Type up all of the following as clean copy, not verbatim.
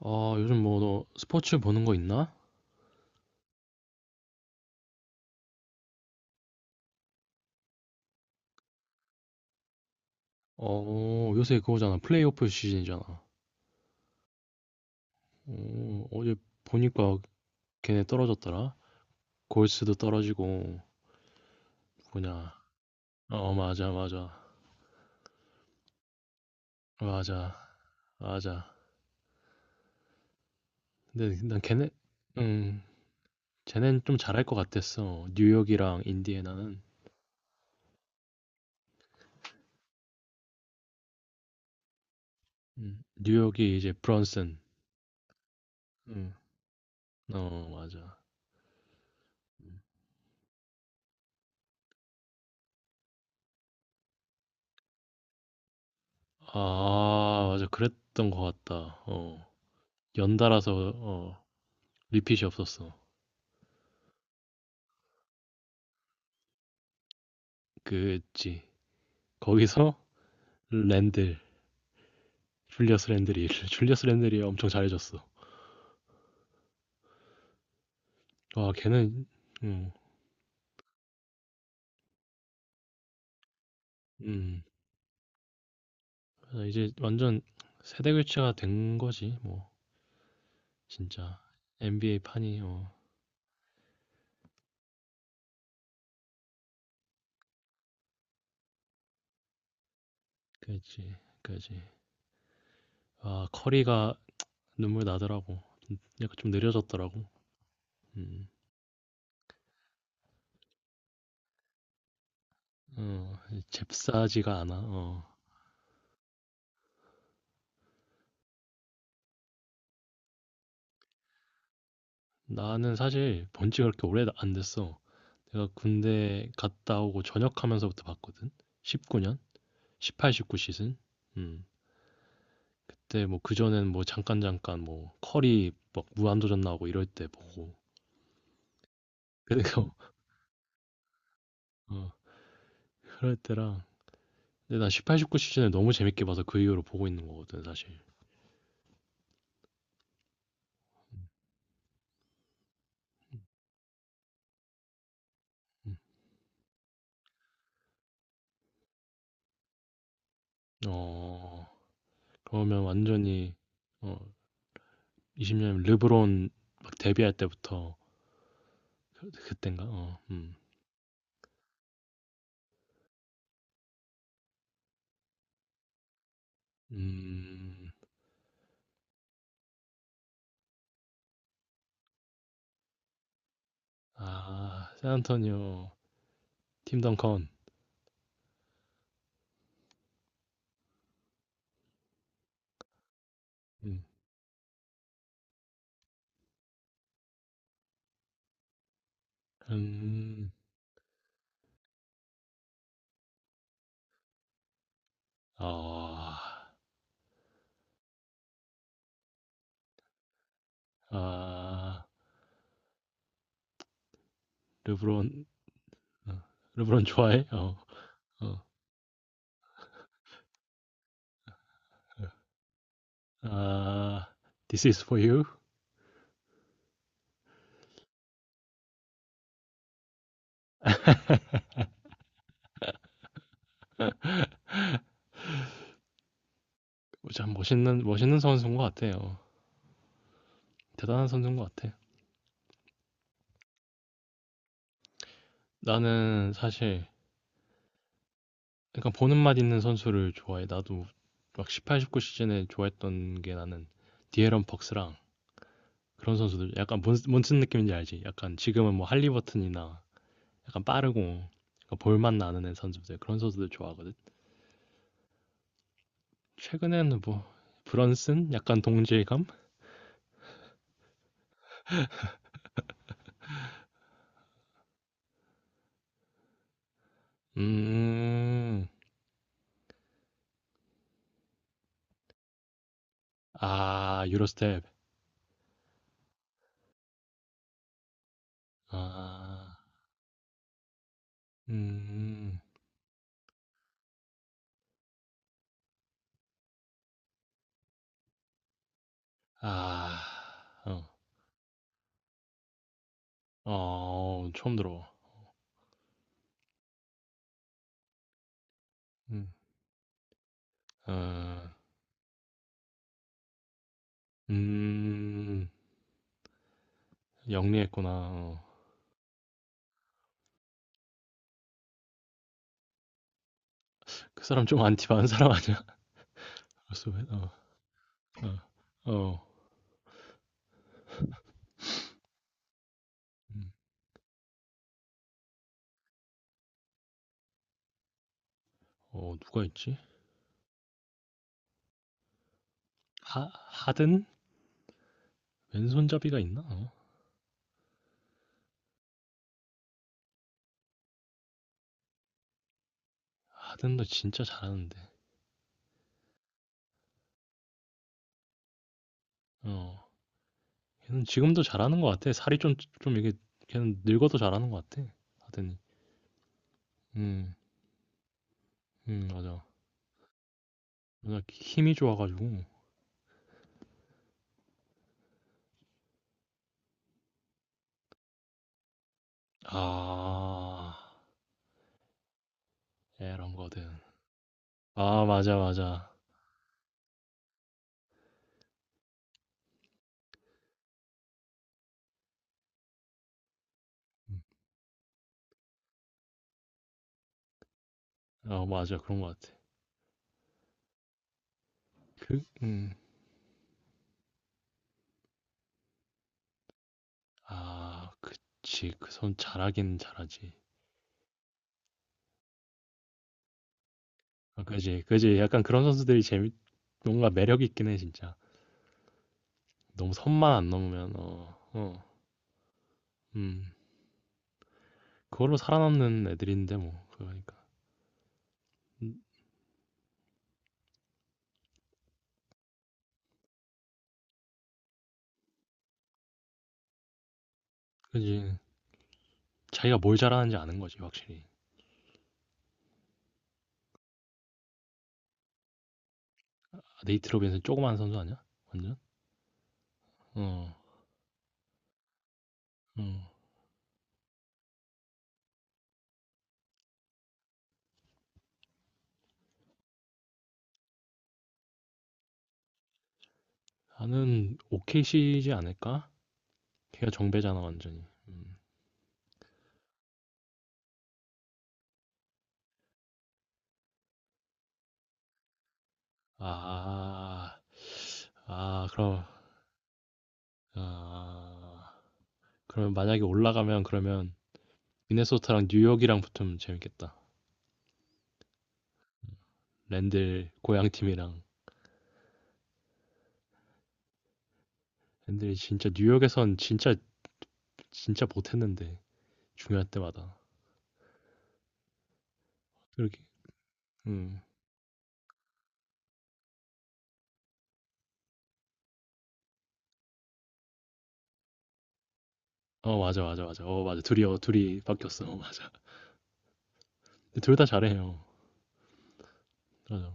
아, 요즘 뭐 너 스포츠 보는 거 있나? 어, 요새 그거잖아. 플레이오프 시즌이잖아. 어, 어제 보니까 걔네 떨어졌더라. 골스도 떨어지고 뭐냐. 어, 맞아, 맞아. 맞아, 맞아. 근데 난 걔네, 음, 쟤넨 좀 잘할 것 같았어. 뉴욕이랑 인디애나는. 뉴욕이 이제 브런슨. 음, 어, 맞아. 아, 맞아. 그랬던 것 같다. 어, 연달아서 어, 리핏이 없었어. 그지. 거기서 랜들, 줄리어스 랜들이, 줄리어스 랜들이 엄청 잘해줬어. 와, 걔는, 음, 음. 그래서 이제 완전 세대 교체가 된 거지, 뭐, 진짜. NBA 판이, 어, 그지, 그지. 아, 커리가 눈물 나더라고. 약간 좀 느려졌더라고. 음, 어, 잽싸지가 않아, 어. 나는 사실 본 지가 그렇게 오래 안 됐어. 내가 군대 갔다 오고 전역하면서부터 봤거든? 19년? 18, 19 시즌? 음. 그때 뭐 그전엔 뭐 잠깐 뭐 커리 막 무한도전 나오고 이럴 때 보고 그래서 어, 그럴 때랑. 근데 난 18, 19 시즌을 너무 재밌게 봐서 그 이후로 보고 있는 거거든 사실. 음. 어, 그러면 완전히 어 20년 르브론 막 데뷔할 때부터 그, 그땐가? 어. 음. 음. 아, 샌안토니오 팀 덩컨. 음. 음. 아. 아. 르브론. 어, 르브론 좋아해? 어, 어. 아, This is for you. 참 멋있는 선수인 것 같아요. 대단한 선수인 것 같아. 나는 사실 약간 보는 맛 있는 선수를 좋아해. 나도 막 18, 19 시즌에 좋아했던 게 나는 디에런 벅스랑 그런 선수들 약간 뭔슨 느낌인지 알지? 약간 지금은 뭐 할리버튼이나 약간 빠르고 약간 볼맛 나는 애 선수들 그런 선수들 좋아하거든. 최근에는 뭐 브런슨 약간 동질감? 음. 아, 유로스텝. 아, 음, 아, 어, 어, 처음 들어. 음, 어, 음, 영리했구나. 어. 그 사람 좀 안티 많은 사람 아니야? 벌써 왜, 어, 어, 어, 음, 어, 누가 있지? 하든? 왼손잡이가 있나? 어? 하든도 진짜 잘하는데. 어, 걔는 지금도 잘하는 것 같아. 살이 좀, 좀 이게, 걔는 늙어도 잘하는 것 같아. 하든이. 음, 맞아. 그냥 힘이 좋아 가지고. 아. 이런 거든. 아 맞아, 맞아. 아어 맞아. 그런 것 같아. 그 아 그치. 그 선 잘하긴 잘하지. 아 그지, 그지. 약간 그런 선수들이 재밌, 뭔가 매력 있긴 해 진짜. 너무 선만 안 넘으면 어. 어. 음. 그걸로 살아남는 애들인데 뭐 그러니까. 음. 그지. 자기가 뭘 잘하는지 아는 거지 확실히. 아 네이트 로빈슨 조그만 선수 아니야? 완전? 어. 어. 나는 o k c 지 않을까? 걔가 정배잖아 완전히. 음. 아, 아 그럼. 아 그러면 만약에 올라가면 그러면 미네소타랑 뉴욕이랑 붙으면 재밌겠다. 랜들 고향 팀이랑. 랜들이 진짜 뉴욕에선 진짜 진짜 못했는데 중요할 때마다 이렇게. 음. 어 맞아 맞아 맞아 어 맞아 둘이 어 둘이 바뀌었어 어, 맞아. 둘 다 잘해요. 맞아.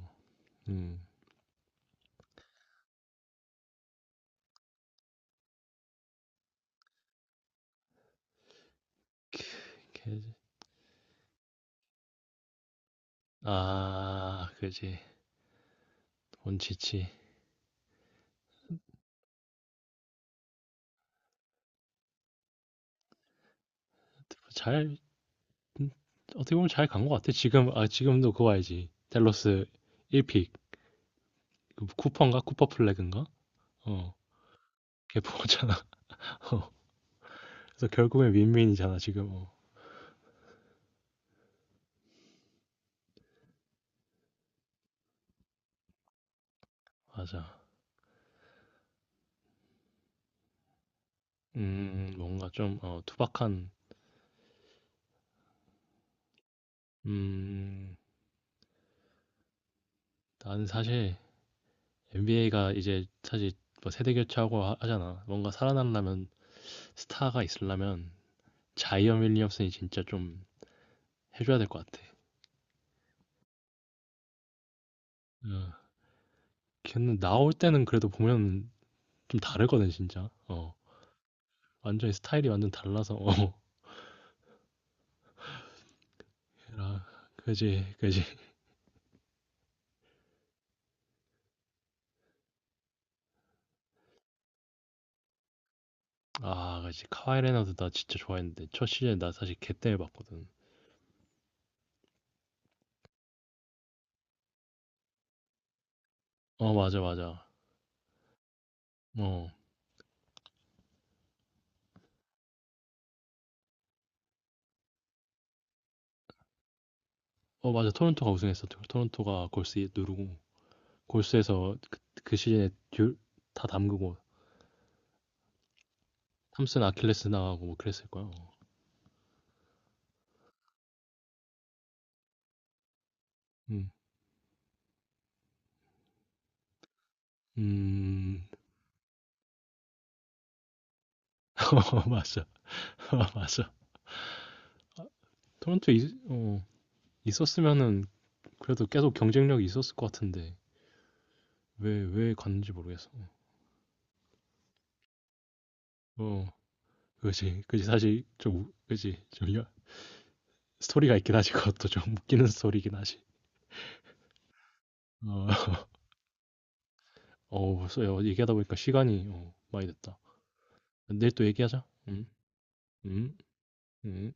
음아 그지. 원치치. 잘. 음, 어떻게 보면 잘 간 것 같아. 지금, 아, 지금도 그거 알지. 댈러스 1픽. 그 쿠퍼인가? 쿠퍼 플래그인가? 어, 걔 보잖아 어. 그래서 결국엔 윈윈이잖아, 지금. 어, 맞아. 뭔가 좀, 어, 투박한, 음, 난 사실 NBA가 이제 사실 뭐 세대 교체하고 하잖아. 뭔가 살아남으려면, 스타가 있으려면, 자이언 윌리엄슨이 진짜 좀 해줘야 될 것 같아. 어, 걔는 나올 때는 그래도 보면 좀 다르거든, 진짜. 어. 완전히 스타일이 완전 달라서 어. 라 그지 그지. 아 그지 카와이 레나도 나 진짜 좋아했는데 첫 시즌 나 사실 걔 때문에 봤거든. 어 맞아 맞아 어, 어 맞아 토론토가 우승했어 토론토가 골스 누르고 골스에서 그, 그 시즌에 듀, 다 담그고 탐슨 아킬레스 나가고 뭐 그랬을 거야 어. 음, 음 어, 맞아 어, 맞아. 토론토 있, 어, 있었으면은 그래도 계속 경쟁력이 있었을 것 같은데 왜 왜 갔는지 모르겠어. 어 그지, 그지 사실 좀 그지 좀 스토리가 있긴 하지 그것도 좀 웃기는 스토리긴 하지. 어, 어, 써 얘기하다 보니까 시간이 어, 많이 됐다. 내일 또 얘기하자. 응, 응, 응.